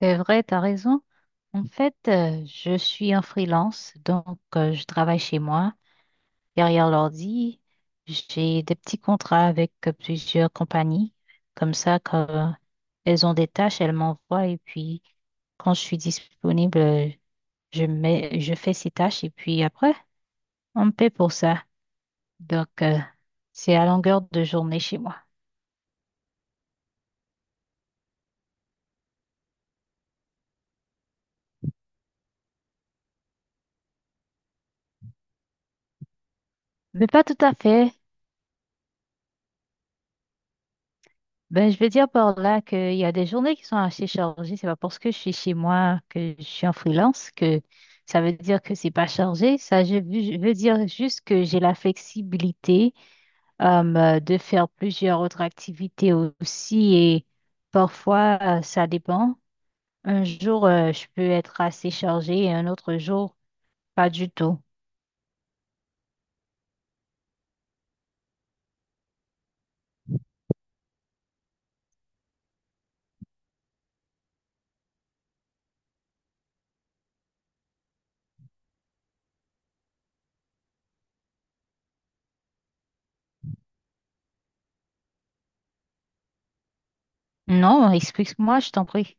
C'est vrai, tu as raison. En fait, je suis en freelance, donc je travaille chez moi, derrière l'ordi. J'ai des petits contrats avec plusieurs compagnies. Comme ça, quand elles ont des tâches, elles m'envoient et puis quand je suis disponible, je mets, je fais ces tâches et puis après, on me paie pour ça. Donc, c'est à longueur de journée chez moi. Mais pas tout à fait. Ben, je veux dire par là qu'il y a des journées qui sont assez chargées. C'est pas parce que je suis chez moi que je suis en freelance que ça veut dire que c'est pas chargé. Ça, je veux dire juste que j'ai la flexibilité, de faire plusieurs autres activités aussi et parfois, ça dépend. Un jour, je peux être assez chargée et un autre jour, pas du tout. Non, explique-moi, je t'en prie.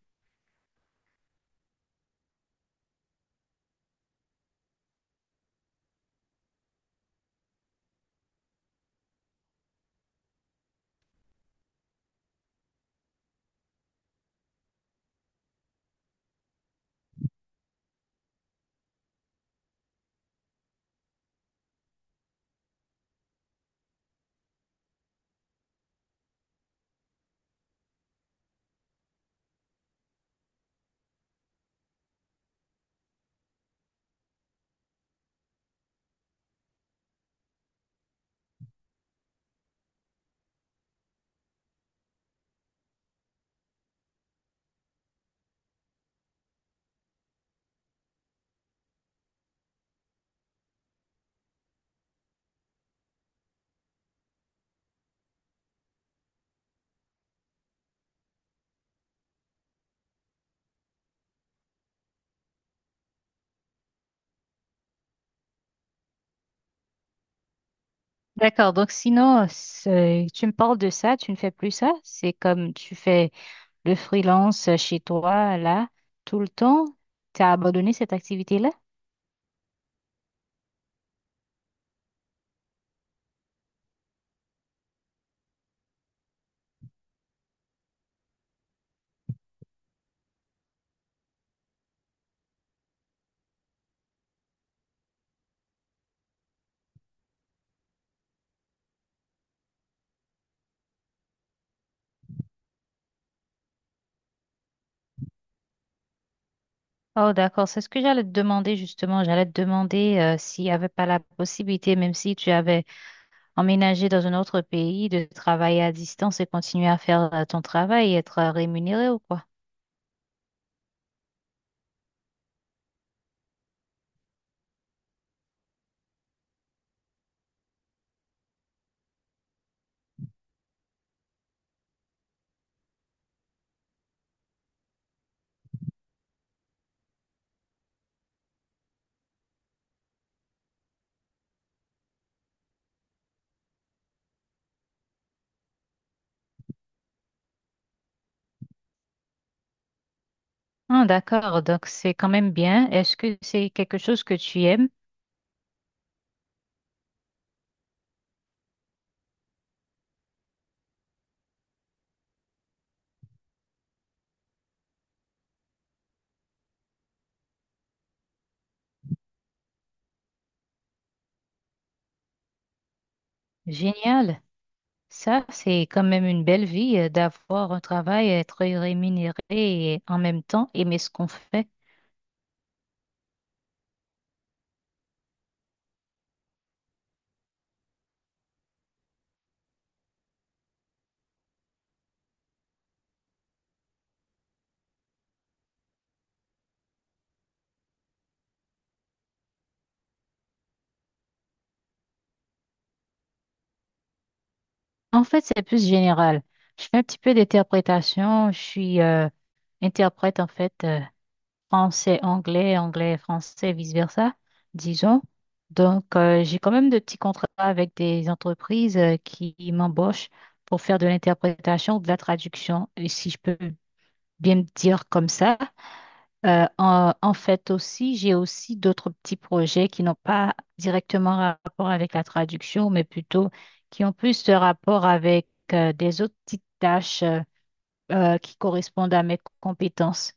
D'accord, donc sinon, tu me parles de ça, tu ne fais plus ça? C'est comme tu fais le freelance chez toi, là, tout le temps, tu as abandonné cette activité-là? Oh, d'accord. C'est ce que j'allais te demander justement. J'allais te demander s'il n'y avait pas la possibilité, même si tu avais emménagé dans un autre pays, de travailler à distance et continuer à faire ton travail et être rémunéré ou quoi. Ah, d'accord, donc c'est quand même bien. Est-ce que c'est quelque chose que tu aimes? Génial. Ça, c'est quand même une belle vie, d'avoir un travail, être rémunéré et en même temps aimer ce qu'on fait. En fait, c'est plus général. Je fais un petit peu d'interprétation. Je suis, interprète, en fait. Français, anglais, anglais, français, vice-versa, disons. Donc, j'ai quand même de petits contrats avec des entreprises qui m'embauchent pour faire de l'interprétation ou de la traduction, et si je peux bien me dire comme ça. En fait aussi, j'ai aussi d'autres petits projets qui n'ont pas directement rapport avec la traduction, mais plutôt qui ont plus de rapport avec des autres petites tâches qui correspondent à mes compétences.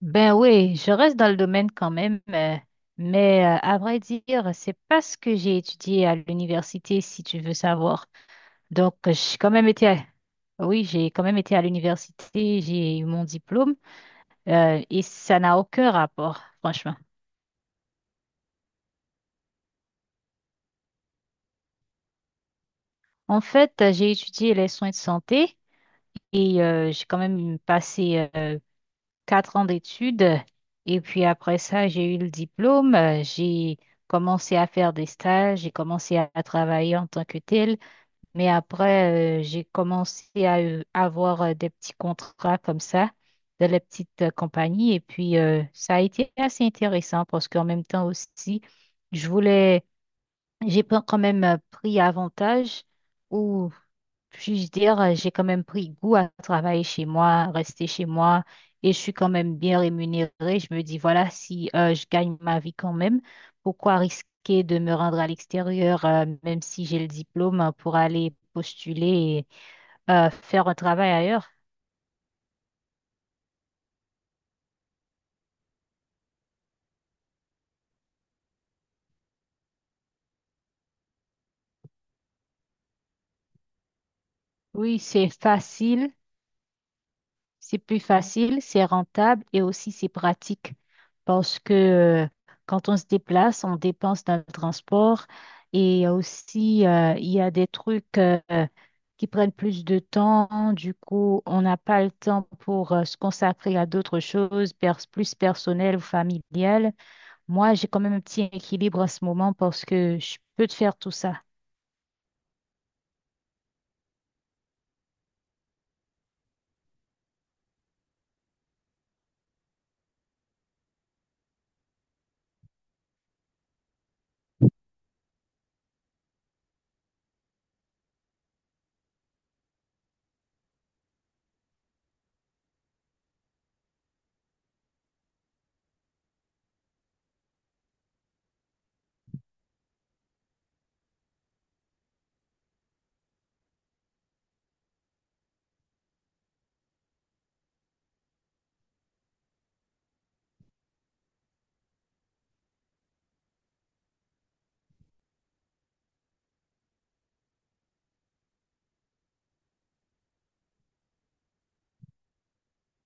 Ben oui, je reste dans le domaine quand même, mais à vrai dire, c'est pas ce que j'ai étudié à l'université, si tu veux savoir. Donc, j'ai quand même oui, j'ai quand même été à l'université, j'ai eu mon diplôme, et ça n'a aucun rapport, franchement. En fait, j'ai étudié les soins de santé et j'ai quand même passé 4 ans d'études. Et puis après ça, j'ai eu le diplôme. J'ai commencé à faire des stages, j'ai commencé à travailler en tant que tel. Mais après, j'ai commencé à, avoir, des petits contrats comme ça, de les petites compagnies. Et puis, ça a été assez intéressant parce qu'en même temps aussi, je voulais, j'ai pas quand même pris avantage, ou puis-je dire, j'ai quand même pris goût à travailler chez moi, à rester chez moi, et je suis quand même bien rémunérée. Je me dis, voilà, si je gagne ma vie quand même, pourquoi risquer de me rendre à l'extérieur, même si j'ai le diplôme, pour aller postuler et faire un travail ailleurs? Oui, c'est facile. C'est plus facile, c'est rentable et aussi c'est pratique parce que, euh, quand on se déplace, on dépense dans le transport et aussi, il y a des trucs qui prennent plus de temps. Du coup, on n'a pas le temps pour se consacrer à d'autres choses plus personnelles ou familiales. Moi, j'ai quand même un petit équilibre en ce moment parce que je peux te faire tout ça.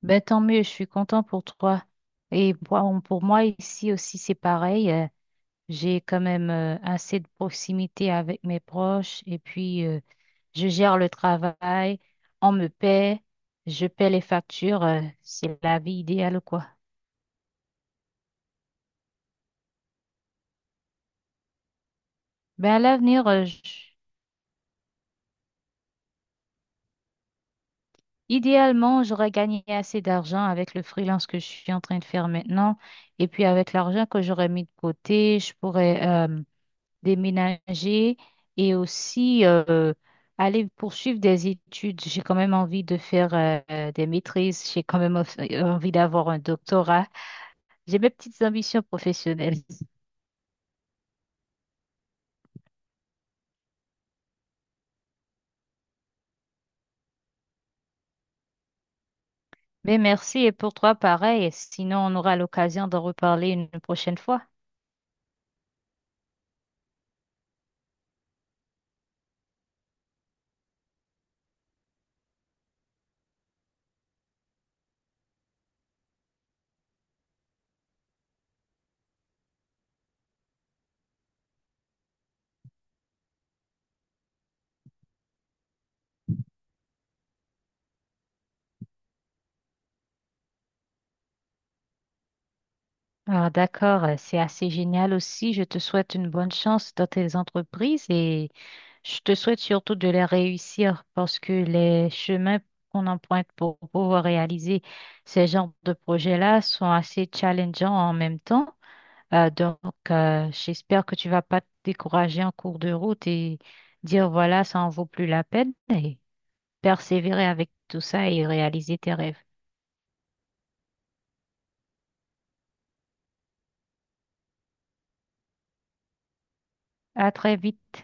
Ben, tant mieux, je suis content pour toi. Et pour moi ici aussi, c'est pareil. J'ai quand même assez de proximité avec mes proches et puis, je gère le travail, on me paie, je paie les factures, c'est la vie idéale quoi. Ben à l'avenir, idéalement, j'aurais gagné assez d'argent avec le freelance que je suis en train de faire maintenant et puis avec l'argent que j'aurais mis de côté, je pourrais, déménager et aussi, aller poursuivre des études. J'ai quand même envie de faire, des maîtrises, j'ai quand même envie d'avoir un doctorat. J'ai mes petites ambitions professionnelles. Mais merci et pour toi pareil, sinon on aura l'occasion d'en reparler une prochaine fois. Ah d'accord, c'est assez génial aussi. Je te souhaite une bonne chance dans tes entreprises et je te souhaite surtout de les réussir parce que les chemins qu'on emprunte pour pouvoir réaliser ces genres de projets-là sont assez challengeants en même temps. Donc, j'espère que tu vas pas te décourager en cours de route et dire voilà, ça en vaut plus la peine et persévérer avec tout ça et réaliser tes rêves. À très vite.